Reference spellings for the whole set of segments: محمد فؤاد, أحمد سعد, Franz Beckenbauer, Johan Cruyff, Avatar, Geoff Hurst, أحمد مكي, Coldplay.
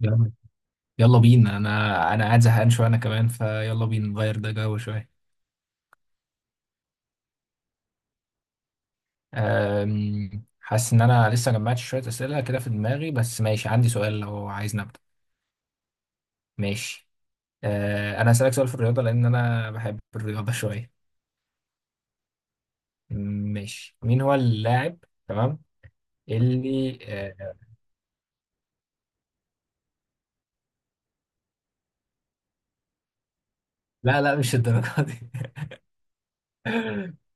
يلا يلا بينا انا قاعد زهقان شويه. انا كمان فيلا بينا نغير ده جو شويه. حاسس ان انا لسه جمعت شويه اسئله كده في دماغي، بس ماشي، عندي سؤال لو عايز نبدا. ماشي، انا هسالك سؤال في الرياضه، لان انا بحب الرياضه شويه. ماشي، مين هو اللاعب؟ تمام، اللي أه، لا لا، مش الدرجه دي.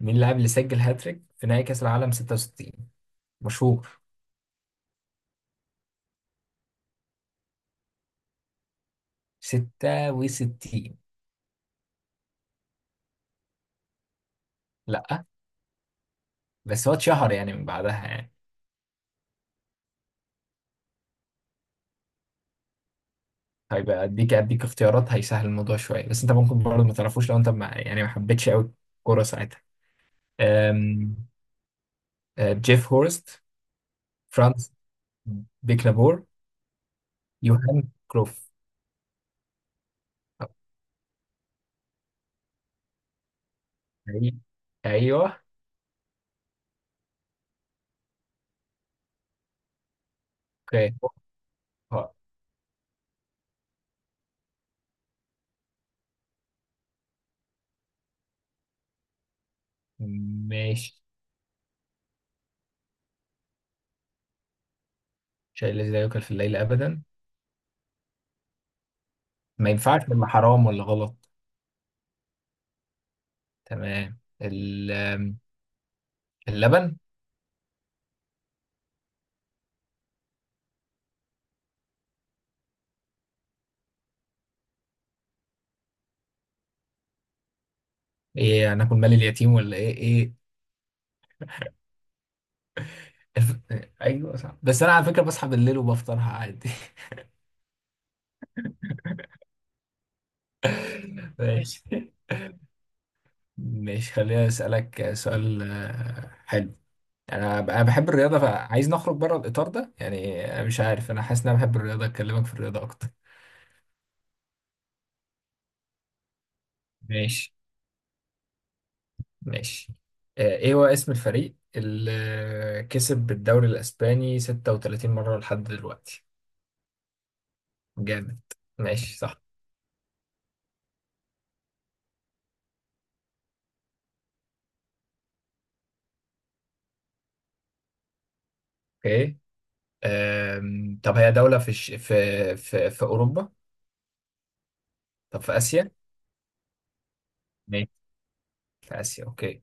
مين اللاعب اللي سجل هاتريك في نهائي كاس العالم 66؟ مشهور. 66. لا. بس هو اتشهر يعني من بعدها يعني. طيب اديك اختيارات هيسهل الموضوع شويه، بس انت ممكن برضه ما تعرفوش لو انت ما حبيتش قوي الكوره ساعتها. أم، جيف هورست، فرانس بيكنابور، يوهان كروف. أي- ايوه. اوكي. أه، ماشي. شيء الذي لا يؤكل في الليل ابدا؟ ما ينفعش ولا حرام ولا غلط؟ تمام. ال- أم، اللبن. ايه، هناكل مال اليتيم ولا ايه ايه؟ الف... ايوه صح، بس انا على فكره بصحى بالليل وبفطرها عادي. ماشي. مش خليني أسألك سؤال حلو. أنا بحب الرياضة، فعايز نخرج بره الإطار ده يعني. أنا مش عارف، أنا حاسس إن أنا بحب الرياضة، أكلمك في الرياضة أكتر. ماشي. ماشي. إيه هو اسم الفريق اللي كسب بالدوري الأسباني 36 مرة لحد دلوقتي؟ جامد. ماشي، صح. أوكي. طب هي دولة في الش... في في في أوروبا؟ طب في آسيا؟ ماشي، في آسيا. أوكي،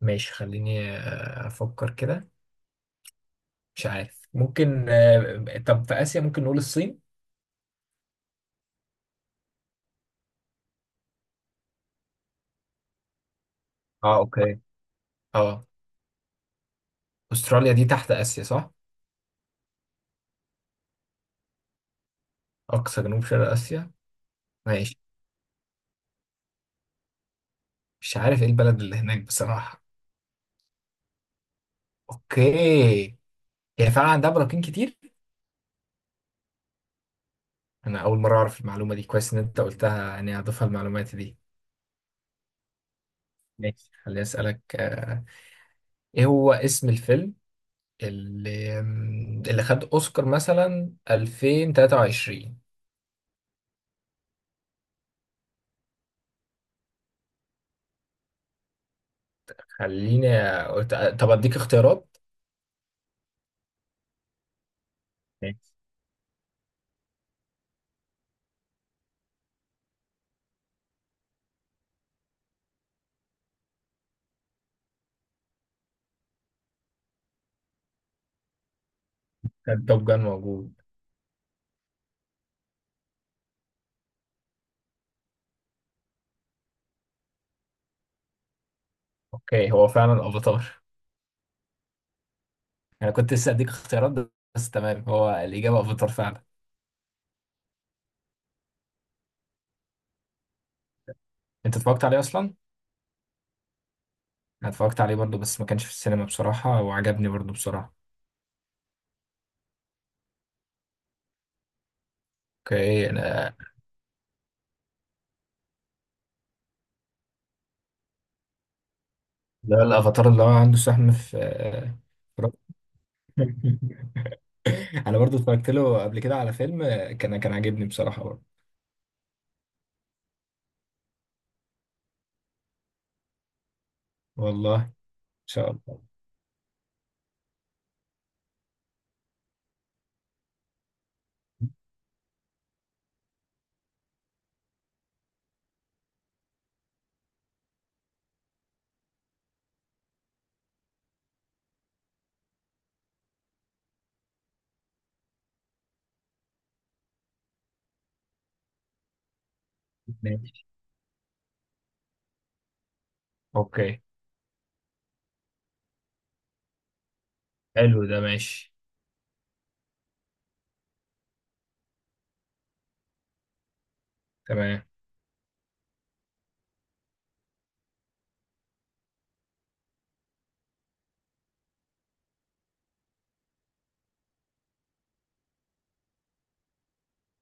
ماشي. خليني أفكر كده. مش عارف. ممكن طب في آسيا، ممكن نقول الصين. اه، اوكي. اه، استراليا دي تحت اسيا صح؟ اقصى جنوب شرق اسيا. ماشي. مش عارف ايه البلد اللي هناك بصراحه. اوكي. هي فعلا عندها براكين كتير؟ انا اول مره اعرف المعلومه دي. كويس ان انت قلتها، يعني هضيفها المعلومات دي. ماشي، خليني اسالك ايه هو اسم الفيلم اللي خد اوسكار مثلا 2023؟ خليني أقول- طب اديك اختيارات. ماشي. كان توب جان موجود. اوكي، هو فعلا افاتار. انا كنت لسه اديك اختيارات، بس تمام، هو الاجابه افاتار فعلا. انت اتفرجت عليه اصلا؟ انا اتفرجت عليه برضو، بس ما كانش في السينما بصراحه، وعجبني برضو بصراحه. اوكي. انا ده الافاتار اللي هو عنده سهم في في راسه. انا برضو اتفرجت له قبل كده على فيلم، كان عاجبني بصراحه برضو. والله ان شاء الله. ماشي. اوكي. حلو ده، ماشي. تمام.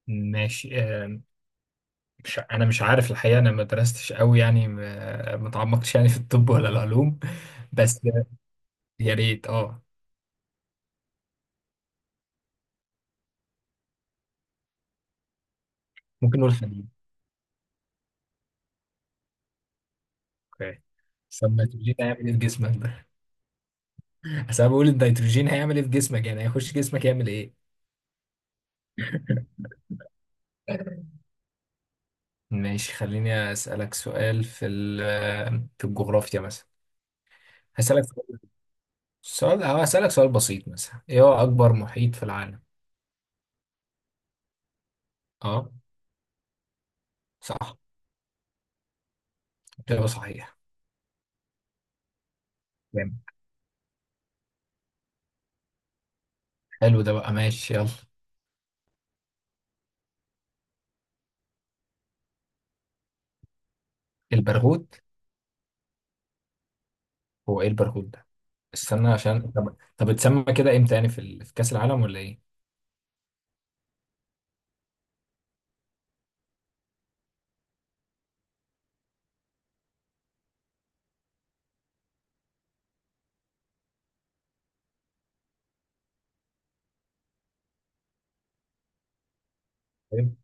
ماشي. مش انا مش عارف الحقيقه. انا ما درستش قوي يعني، ما تعمقتش يعني في الطب ولا العلوم. بس يا ريت اه. ممكن نقول حديد. اوكي. بس النيتروجين هيعمل ايه في جسمك ده؟ بس انا بقول، النيتروجين هيعمل ايه في جسمك يعني؟ هيخش جسمك يعمل ايه؟ ماشي. خليني اسالك سؤال في الجغرافيا مثلا. هسالك سؤال. سؤال- أو هسالك سؤال بسيط مثلا: ايه هو اكبر محيط في العالم؟ اه، صح. اجابه صحيحه. جامد. حلو ده بقى، ماشي، يلا. البرغوث؟ هو ايه البرغوث ده؟ استنى عشان. طب اتسمى كده امتى يعني، في كأس العالم ولا ايه؟ طيب.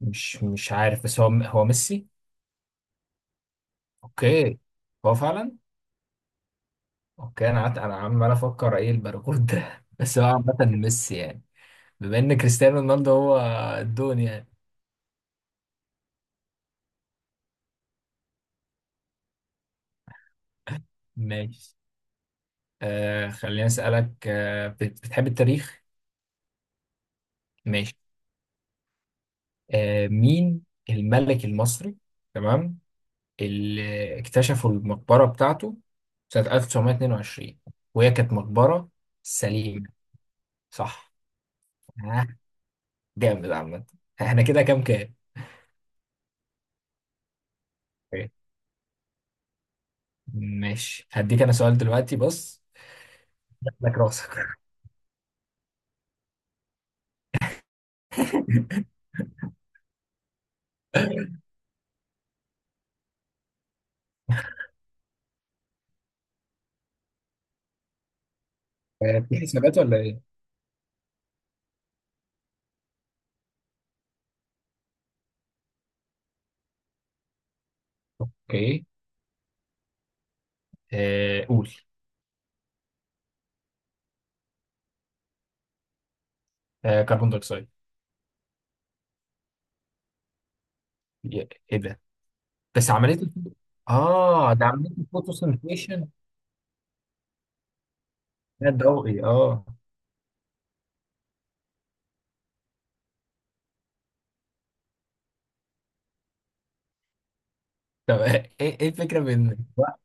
مش عارف، بس هو هو ميسي. اوكي. هو فعلا. اوكي، انا قعدت انا عمال افكر ايه الباركود ده. بس هو عامة ميسي يعني، بما ان كريستيانو رونالدو هو الدون يعني. ماشي. آه، خليني اسالك آه، بتحب التاريخ؟ ماشي. آه، مين الملك المصري، تمام، اللي اكتشفوا المقبرة بتاعته سنة 1922 وهي كانت مقبرة سليمة؟ صح. ها، جامد عامة. احنا كده كام كام؟ أوكي. ماشي. هديك انا سؤال دلوقتي، بص. لك راسك. في حسابات ولا ايه؟ اوكي. قول. كربون دايوكسيد. ايه ده؟ بس عملية ده عملية الفوتوسنتيشن. ده ضوئي اه. طب ايه، إيه الفكرة بان؟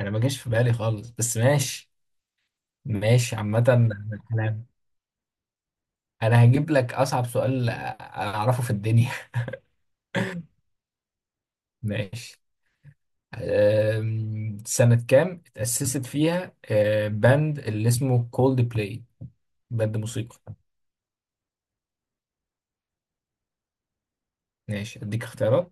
انا ما جاش في بالي خالص، بس ماشي. ماشي عامة. أنا أنا هجيب لك أصعب سؤال أعرفه في الدنيا. ماشي. سنة كام اتأسست فيها باند اللي اسمه كولد بلاي؟ باند موسيقى. ماشي، أديك اختيارات.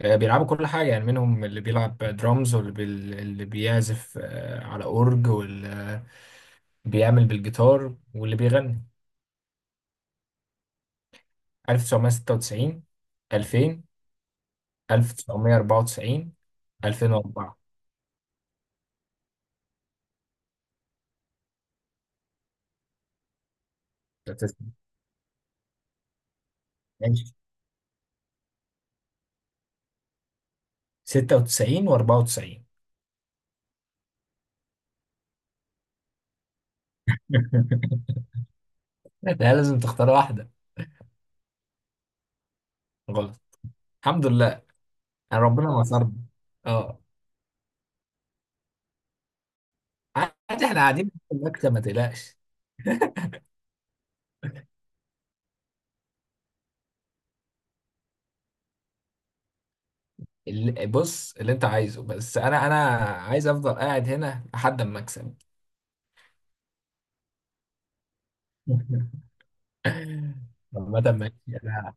بيلعبوا كل حاجة يعني. منهم اللي بيلعب درامز، اللي بيعزف على أورج، واللي بيعمل بالجيتار، واللي بيغني. 1996، 2000، 1994، 2004. 96 و94. لا، لازم تختار واحدة. غلط. الحمد لله، أنا ربنا نصرنا. اه، عادي، احنا قاعدين في المكتب، ما تقلقش. بص، اللي انت عايزه، بس انا عايز افضل قاعد هنا لحد ما اكسب. عامة ماشي. انا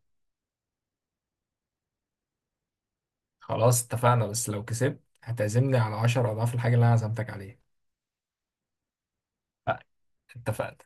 خلاص اتفقنا، بس لو كسبت هتعزمني على 10 اضعاف الحاجة اللي انا عزمتك عليها. اتفقنا.